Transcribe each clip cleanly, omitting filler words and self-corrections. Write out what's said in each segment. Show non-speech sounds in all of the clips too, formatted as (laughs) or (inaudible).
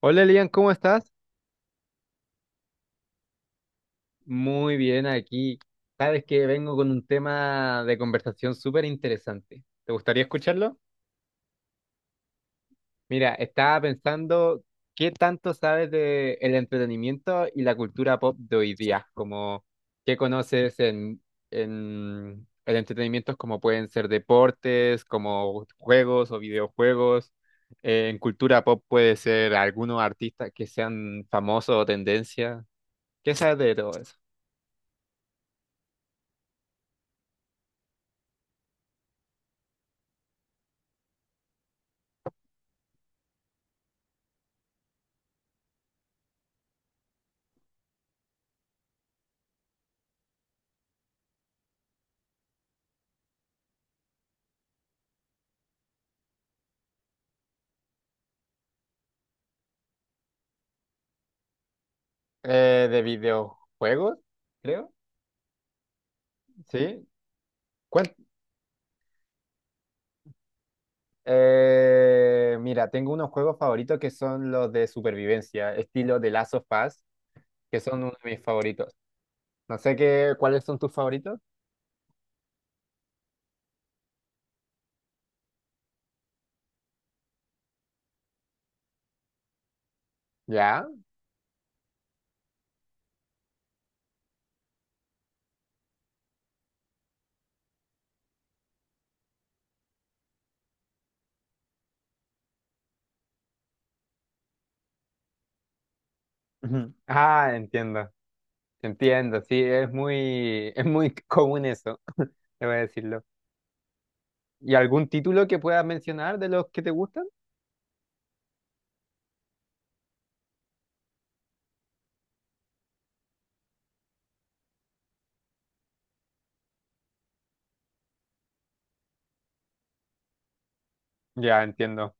Hola Elian, ¿cómo estás? Muy bien aquí. Sabes que vengo con un tema de conversación súper interesante. ¿Te gustaría escucharlo? Mira, estaba pensando qué tanto sabes de el entretenimiento y la cultura pop de hoy día, como qué conoces en el entretenimiento como pueden ser deportes, como juegos o videojuegos. En cultura pop puede ser algunos artistas que sean famosos o tendencia. ¿Qué sabes de todo eso? De videojuegos, creo. Sí. Cuen- mira, tengo unos juegos favoritos que son los de supervivencia, estilo de Last of Us, que son uno de mis favoritos. No sé qué, ¿cuáles son tus favoritos? Ya. Ujú. Ah, entiendo. Entiendo, sí, es muy, (laughs) es muy común eso, (laughs) debo decirlo. ¿Y algún título que puedas mencionar de los que te gustan? Ya, entiendo.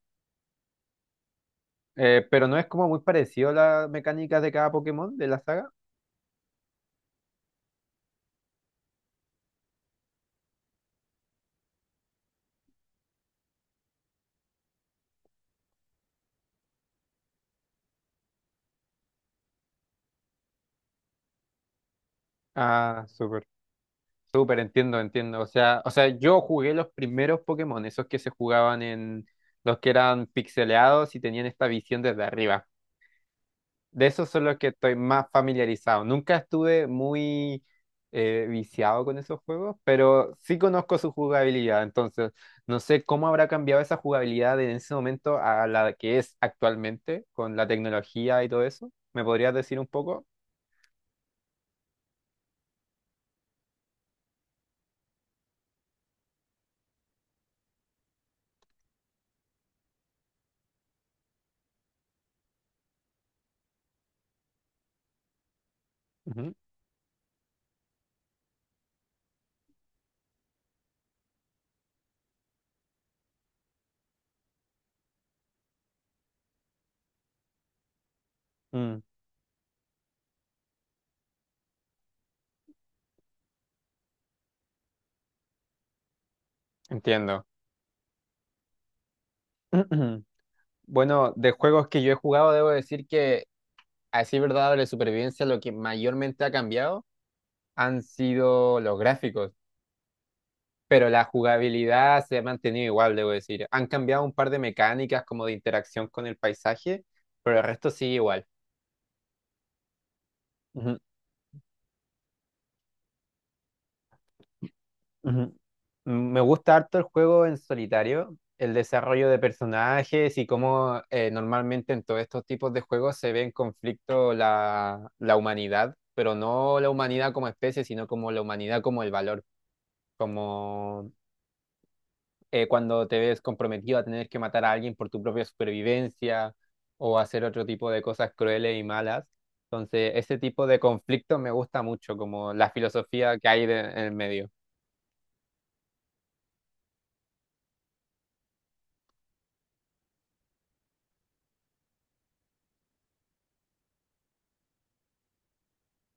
Pero no es como muy parecido a las mecánicas de cada Pokémon de la saga. Ah, súper. Súper, entiendo, entiendo. O sea, yo jugué los primeros Pokémon, esos que se jugaban en los que eran pixeleados y tenían esta visión desde arriba. De esos son los que estoy más familiarizado. Nunca estuve muy viciado con esos juegos, pero sí conozco su jugabilidad. Entonces, no sé cómo habrá cambiado esa jugabilidad en ese momento a la que es actualmente, con la tecnología y todo eso. ¿Me podrías decir un poco? Ujú. Mm, entiendo. (clears throat) Bueno, de juegos que yo he jugado, debo decir que, así verdad, de supervivencia, lo que mayormente ha cambiado han sido los gráficos, pero la jugabilidad se ha mantenido igual, debo decir. Han cambiado un par de mecánicas como de interacción con el paisaje, pero el resto sigue igual. Ujú. Ujú. Mm, me gusta harto el juego en solitario, el desarrollo de personajes y cómo normalmente en todos estos tipos de juegos se ve en conflicto la humanidad, pero no la humanidad como especie, sino como la humanidad como el valor, como cuando te ves comprometido a tener que matar a alguien por tu propia supervivencia o hacer otro tipo de cosas crueles y malas. Entonces, ese tipo de conflicto me gusta mucho, como la filosofía que hay en el medio.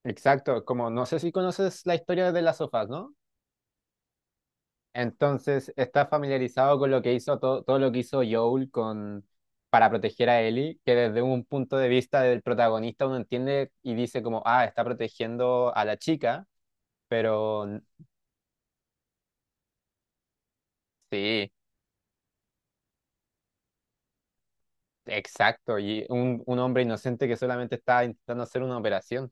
Exacto, como no sé si conoces la historia de las sofás, ¿no? Entonces, ¿estás familiarizado con lo que hizo todo lo que hizo Joel con para proteger a Ellie? Que desde un punto de vista del protagonista uno entiende y dice como, ah, está protegiendo a la chica, pero sí, exacto, y un hombre inocente que solamente está intentando hacer una operación.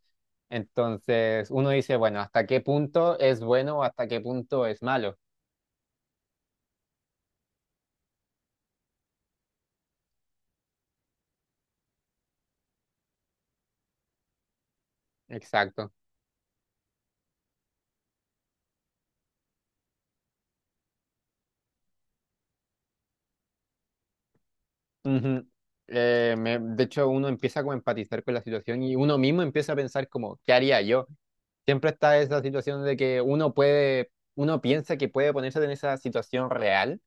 Entonces, uno dice, bueno, ¿hasta qué punto es bueno o hasta qué punto es malo? Exacto. Ujú. De hecho, uno empieza como a empatizar con la situación y uno mismo empieza a pensar como, ¿qué haría yo? Siempre está esa situación de que uno puede, uno piensa que puede ponerse en esa situación real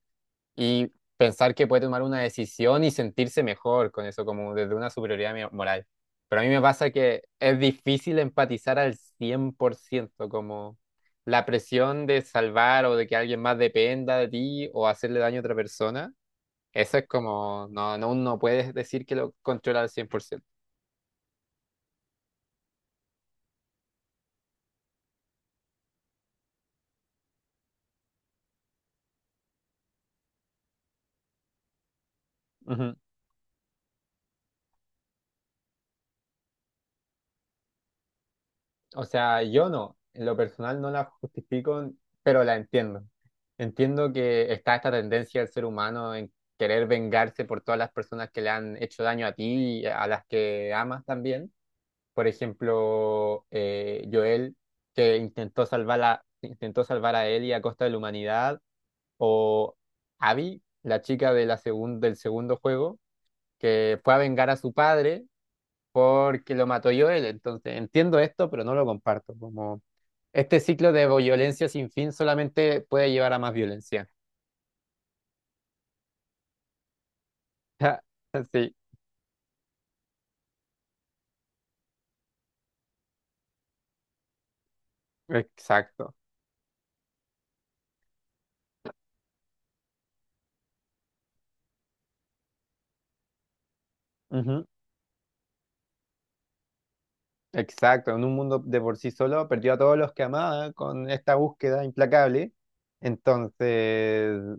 y pensar que puede tomar una decisión y sentirse mejor con eso, como desde una superioridad moral. Pero a mí me pasa que es difícil empatizar al 100% como la presión de salvar o de que alguien más dependa de ti o hacerle daño a otra persona. Eso es como, no, no, no puedes decir que lo controla al 100%. Ujú. O sea, yo no, en lo personal no la justifico, pero la entiendo. Entiendo que está esta tendencia del ser humano en querer vengarse por todas las personas que le han hecho daño a ti y a las que amas también. Por ejemplo, Joel, que intentó salvar a Ellie a costa de la humanidad, o Abby, la chica de del segundo juego que fue a vengar a su padre porque lo mató Joel. Entonces, entiendo esto, pero no lo comparto. Como este ciclo de violencia sin fin solamente puede llevar a más violencia. (laughs) Sí, exacto. Ujú. Exacto. En un mundo de por sí solo perdió a todos los que amaba con esta búsqueda implacable. Entonces,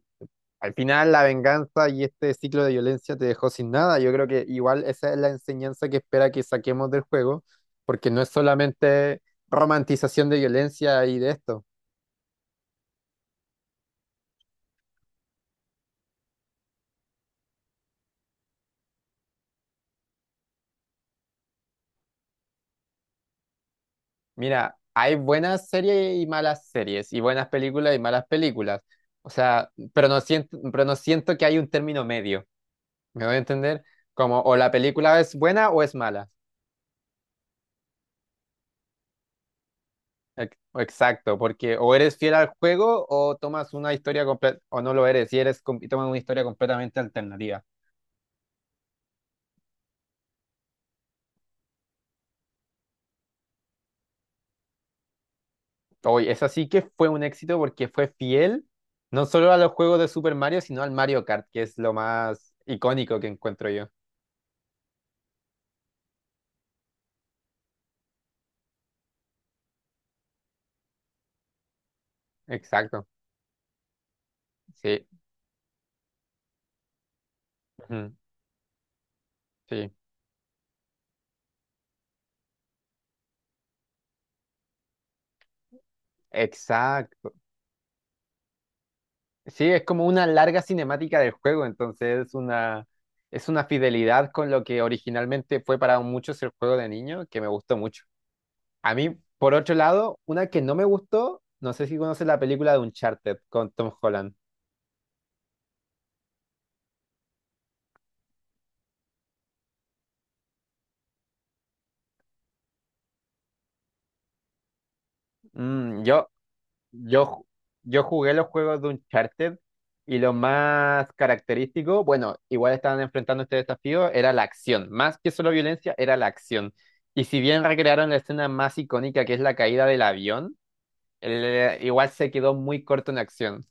al final la venganza y este ciclo de violencia te dejó sin nada. Yo creo que igual esa es la enseñanza que espera que saquemos del juego, porque no es solamente romantización de violencia y de esto. Mira, hay buenas series y malas series, y buenas películas y malas películas. O sea, pero no siento que hay un término medio. ¿Me voy a entender? Como o la película es buena o es mala. Exacto, porque o eres fiel al juego o tomas una historia completa, o no lo eres, y eres y tomas una historia completamente alternativa. Hoy esa sí que fue un éxito porque fue fiel no solo a los juegos de Super Mario, sino al Mario Kart, que es lo más icónico que encuentro yo. Exacto, sí. Ujú. Sí. Exacto. Sí, es como una larga cinemática del juego, entonces es una fidelidad con lo que originalmente fue para muchos el juego de niño, que me gustó mucho. A mí, por otro lado, una que no me gustó, no sé si conoces la película de Uncharted con Tom Holland. Mm, yo Yo, ju- yo jugué los juegos de Uncharted y lo más característico, bueno, igual estaban enfrentando este desafío, era la acción. Más que solo violencia, era la acción. Y si bien recrearon la escena más icónica, que es la caída del avión, igual se quedó muy corto en acción.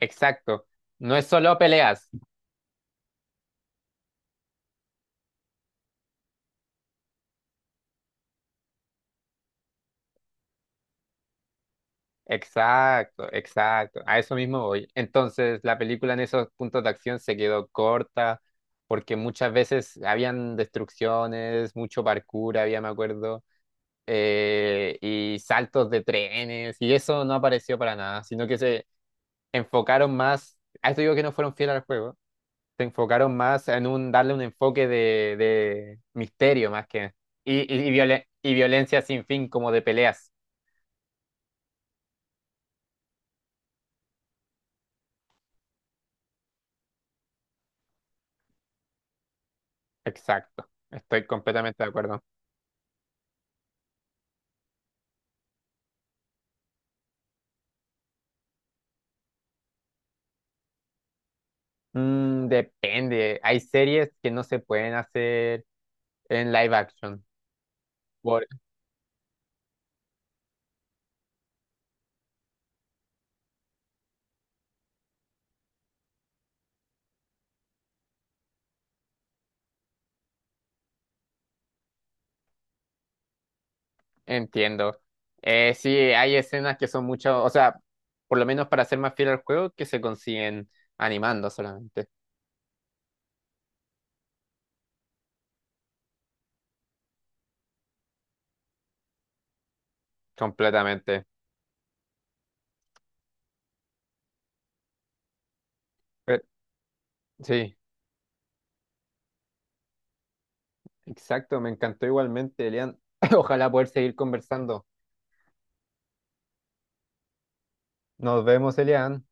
Exacto. No es solo peleas. Exacto, exacto. A eso mismo voy. Entonces, la película en esos puntos de acción se quedó corta porque muchas veces habían destrucciones, mucho parkour, había, me acuerdo, y saltos de trenes, y eso no apareció para nada, sino que se enfocaron más, a esto digo que no fueron fieles al juego, se enfocaron más en un darle un enfoque de, misterio más que, y violencia sin fin como de peleas. Exacto, estoy completamente de acuerdo. Mm, depende. Hay series que no se pueden hacer en live action. Por, Entiendo. Sí, hay escenas que son mucho, o sea, por lo menos para ser más fiel al juego, que se consiguen animando solamente, completamente. Pero- sí, exacto. Me encantó igualmente, Elian. (coughs) (clears throat) Ojalá poder seguir conversando. Nos vemos, Elian.